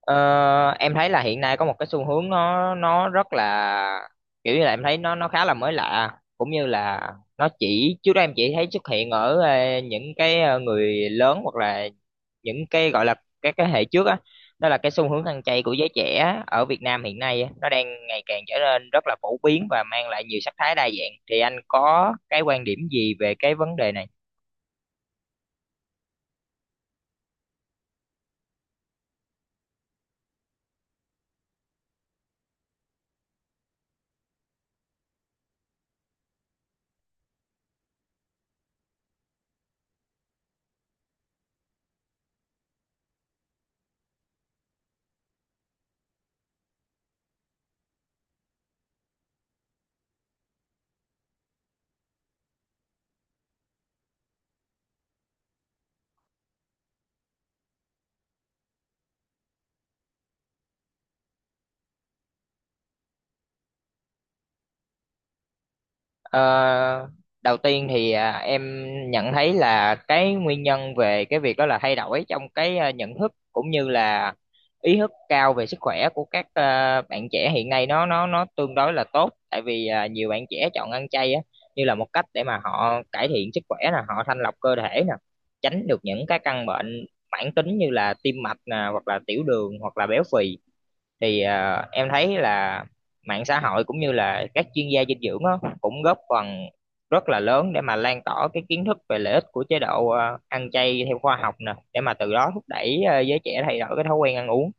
Ờ, em thấy là hiện nay có một cái xu hướng nó rất là kiểu như là em thấy nó khá là mới lạ, cũng như là nó chỉ, trước đó em chỉ thấy xuất hiện ở những cái người lớn hoặc là những cái gọi là các cái hệ trước á. Đó là cái xu hướng ăn chay của giới trẻ ở Việt Nam hiện nay á, nó đang ngày càng trở nên rất là phổ biến và mang lại nhiều sắc thái đa dạng, thì anh có cái quan điểm gì về cái vấn đề này? Ờ, Đầu tiên thì em nhận thấy là cái nguyên nhân về cái việc đó là thay đổi trong cái nhận thức, cũng như là ý thức cao về sức khỏe của các bạn trẻ hiện nay nó tương đối là tốt. Tại vì nhiều bạn trẻ chọn ăn chay á như là một cách để mà họ cải thiện sức khỏe nè, họ thanh lọc cơ thể nè, tránh được những cái căn bệnh mãn tính như là tim mạch nè, hoặc là tiểu đường, hoặc là béo phì. Thì em thấy là mạng xã hội cũng như là các chuyên gia dinh dưỡng á, cũng góp phần rất là lớn để mà lan tỏa cái kiến thức về lợi ích của chế độ ăn chay theo khoa học nè, để mà từ đó thúc đẩy giới trẻ thay đổi cái thói quen ăn uống.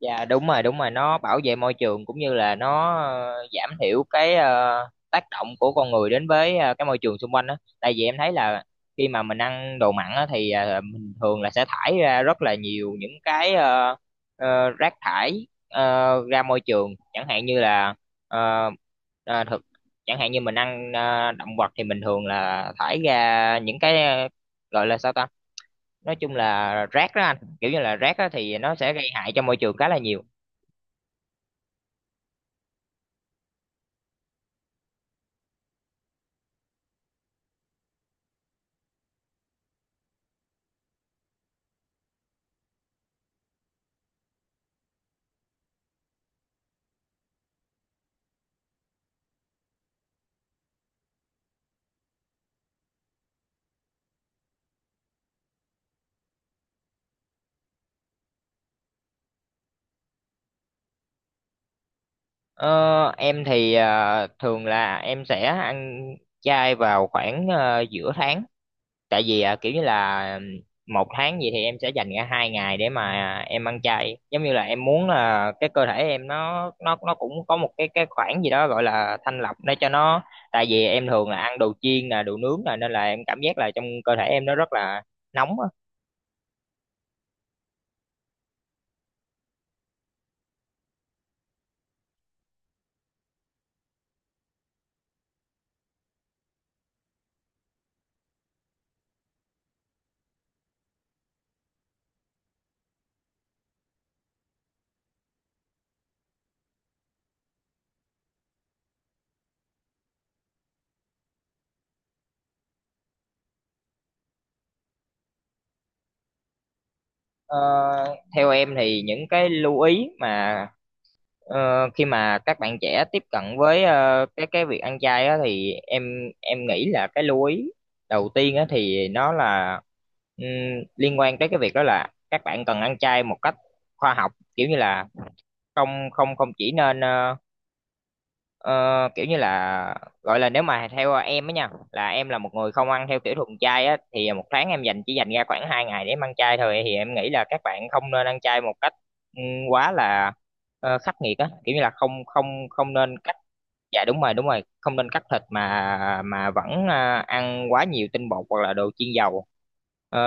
Dạ, đúng rồi, đúng rồi, nó bảo vệ môi trường, cũng như là nó giảm thiểu cái tác động của con người đến với cái môi trường xung quanh đó. Tại vì em thấy là khi mà mình ăn đồ mặn á, thì mình thường là sẽ thải ra rất là nhiều những cái rác thải ra môi trường, chẳng hạn như là ờ, ờ, thực chẳng hạn như mình ăn động vật thì mình thường là thải ra những cái gọi là sao ta, nói chung là rác đó anh, kiểu như là rác đó thì nó sẽ gây hại cho môi trường khá là nhiều. Ờ, em thì thường là em sẽ ăn chay vào khoảng giữa tháng. Tại vì kiểu như là một tháng gì thì em sẽ dành ra hai ngày để mà em ăn chay, giống như là em muốn là cái cơ thể em nó cũng có một cái khoảng gì đó gọi là thanh lọc để cho nó. Tại vì em thường là ăn đồ chiên là đồ nướng là, nên là em cảm giác là trong cơ thể em nó rất là nóng á. Ờ, Theo em thì những cái lưu ý mà, khi mà các bạn trẻ tiếp cận với cái việc ăn chay á, thì em nghĩ là cái lưu ý đầu tiên á, thì nó là ừm, liên quan tới cái việc đó là các bạn cần ăn chay một cách khoa học, kiểu như là không không không chỉ nên Ờ, kiểu như là, gọi là, nếu mà theo em á nha, là em là một người không ăn theo kiểu thuần chay á, thì một tháng em chỉ dành ra khoảng hai ngày để em ăn chay thôi, thì em nghĩ là các bạn không nên ăn chay một cách ừ, quá là khắc nghiệt á, kiểu như là không không không nên cắt, dạ đúng rồi, đúng rồi, không nên cắt thịt mà vẫn ăn quá nhiều tinh bột hoặc là đồ chiên dầu. Ờ,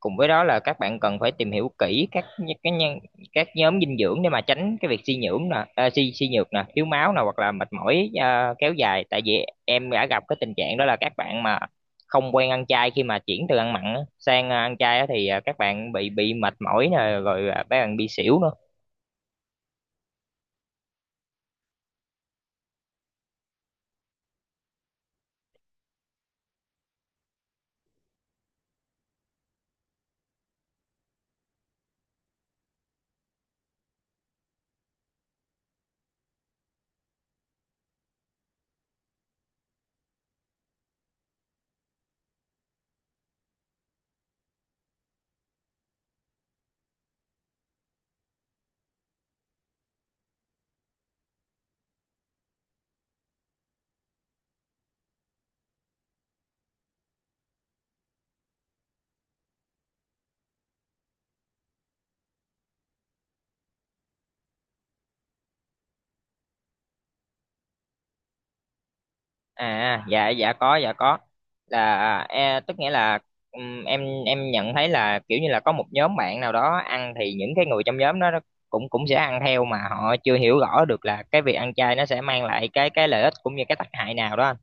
Cùng với đó là các bạn cần phải tìm hiểu kỹ các nh- cái nhân các nhóm dinh dưỡng để mà tránh cái việc suy nhưỡng nè, suy suy nhược nè, thiếu máu nè, hoặc là mệt mỏi kéo dài. Tại vì em đã gặp cái tình trạng đó là các bạn mà không quen ăn chay, khi mà chuyển từ ăn mặn á sang ăn chay á, thì các bạn bị mệt mỏi nè, rồi các bạn bị xỉu nữa. À, dạ, dạ có, dạ có, là tức nghĩa là, ừm, em em nhận thấy là kiểu như là có một nhóm bạn nào đó ăn, thì những cái người trong nhóm đó nó cũng cũng sẽ ăn theo, mà họ chưa hiểu rõ được là cái việc ăn chay nó sẽ mang lại cái lợi ích cũng như cái tác hại nào đó anh.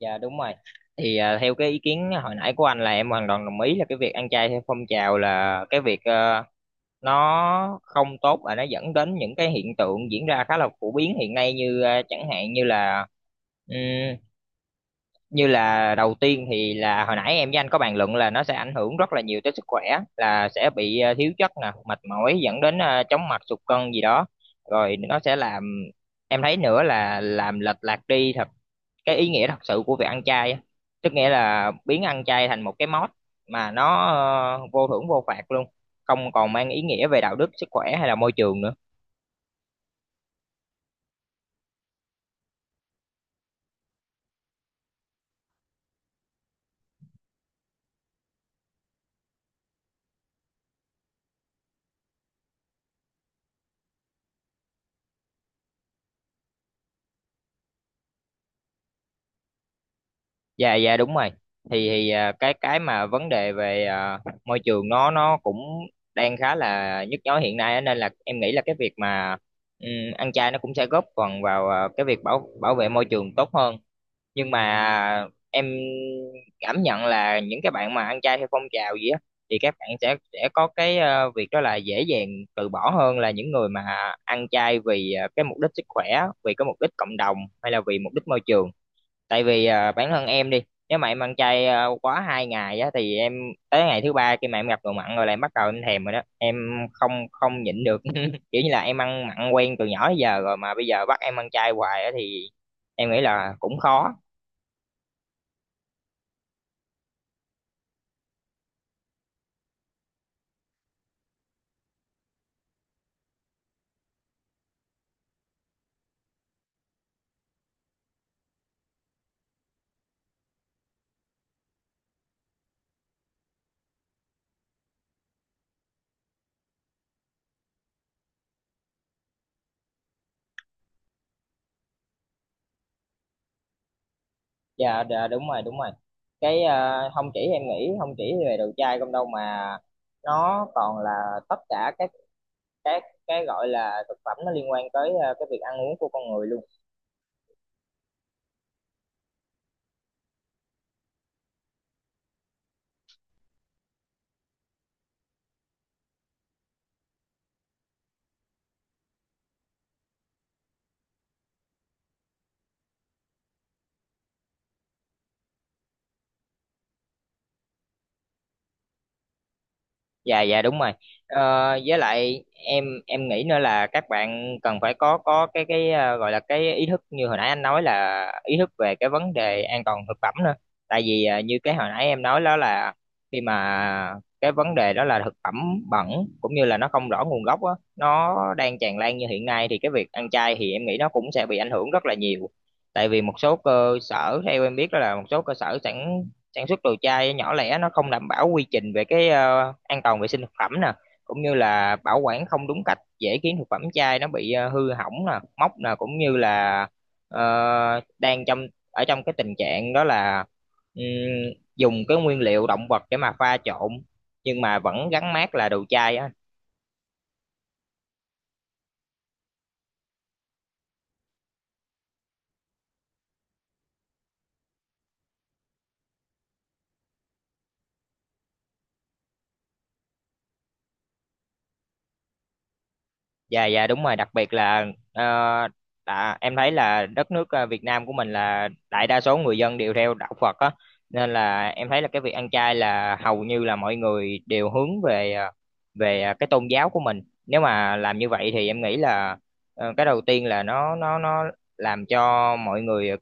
Dạ, đúng rồi. Thì theo cái ý kiến hồi nãy của anh là em hoàn toàn đồng ý, là cái việc ăn chay theo phong trào là cái việc nó không tốt, và nó dẫn đến những cái hiện tượng diễn ra khá là phổ biến hiện nay, như chẳng hạn như là, như là đầu tiên thì là hồi nãy em với anh có bàn luận là nó sẽ ảnh hưởng rất là nhiều tới sức khỏe, là sẽ bị thiếu chất nè, mệt mỏi, dẫn đến chóng mặt, sụt cân gì đó. Rồi nó sẽ làm, em thấy nữa là, làm lệch lạc đi thật cái ý nghĩa thật sự của việc ăn chay á, tức nghĩa là biến ăn chay thành một cái mốt mà nó vô thưởng vô phạt luôn, không còn mang ý nghĩa về đạo đức, sức khỏe hay là môi trường nữa. Dạ, dạ đúng rồi. Thì cái mà vấn đề về môi trường nó cũng đang khá là nhức nhối hiện nay á, nên là em nghĩ là cái việc mà ừm, ăn chay nó cũng sẽ góp phần vào cái việc bảo bảo vệ môi trường tốt hơn. Nhưng mà em cảm nhận là những cái bạn mà ăn chay theo phong trào gì á, thì các bạn sẽ có cái việc đó là dễ dàng từ bỏ hơn là những người mà ăn chay vì cái mục đích sức khỏe, vì cái mục đích cộng đồng, hay là vì mục đích môi trường. Tại vì bản thân em đi, nếu mà em ăn chay quá hai ngày á, thì em tới ngày thứ ba khi mà em gặp đồ mặn rồi là em bắt đầu em thèm rồi đó em, không không nhịn được kiểu như là em ăn mặn quen từ nhỏ tới giờ rồi, mà bây giờ bắt em ăn chay hoài á thì em nghĩ là cũng khó. Dạ dạ, đúng rồi, đúng rồi, cái không chỉ em nghĩ, không chỉ về đồ chay không đâu, mà nó còn là tất cả các cái gọi là thực phẩm nó liên quan tới cái việc ăn uống của con người luôn. Dạ, dạ đúng rồi. ờ, với lại em nghĩ nữa là các bạn cần phải có cái gọi là cái ý thức, như hồi nãy anh nói là ý thức về cái vấn đề an toàn thực phẩm nữa. Tại vì như cái hồi nãy em nói đó là, khi mà cái vấn đề đó là thực phẩm bẩn, cũng như là nó không rõ nguồn gốc á, nó đang tràn lan như hiện nay, thì cái việc ăn chay thì em nghĩ nó cũng sẽ bị ảnh hưởng rất là nhiều. Tại vì một số cơ sở theo em biết đó là một số cơ sở sẵn sản xuất đồ chai nhỏ lẻ, nó không đảm bảo quy trình về cái an toàn vệ sinh thực phẩm nè, cũng như là bảo quản không đúng cách, dễ khiến thực phẩm chai nó bị hư hỏng nè, mốc nè, cũng như là đang trong, ở trong cái tình trạng đó là ừm, dùng cái nguyên liệu động vật để mà pha trộn, nhưng mà vẫn gắn mác là đồ chai á. Dạ, dạ đúng rồi. Đặc biệt là ờ, em thấy là đất nước Việt Nam của mình là đại đa số người dân đều theo đạo Phật á, nên là em thấy là cái việc ăn chay là hầu như là mọi người đều hướng về cái tôn giáo của mình, nếu mà làm như vậy thì em nghĩ là cái đầu tiên là nó làm cho mọi người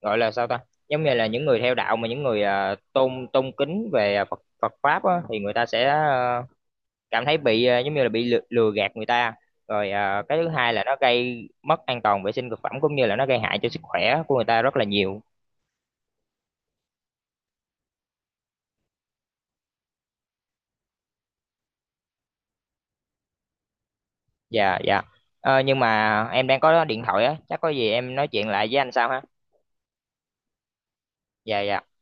gọi là sao ta, giống như là những người theo đạo, mà những người tôn tôn kính về Phật Phật pháp á, thì người ta sẽ cảm thấy bị giống như là bị lừa, lừa gạt người ta. Rồi cái thứ hai là nó gây mất an toàn vệ sinh thực phẩm, cũng như là nó gây hại cho sức khỏe của người ta rất là nhiều. Dạ, dạ. Nhưng mà em đang có điện thoại á, chắc có gì em nói chuyện lại với anh sau ha. Dạ, dạ.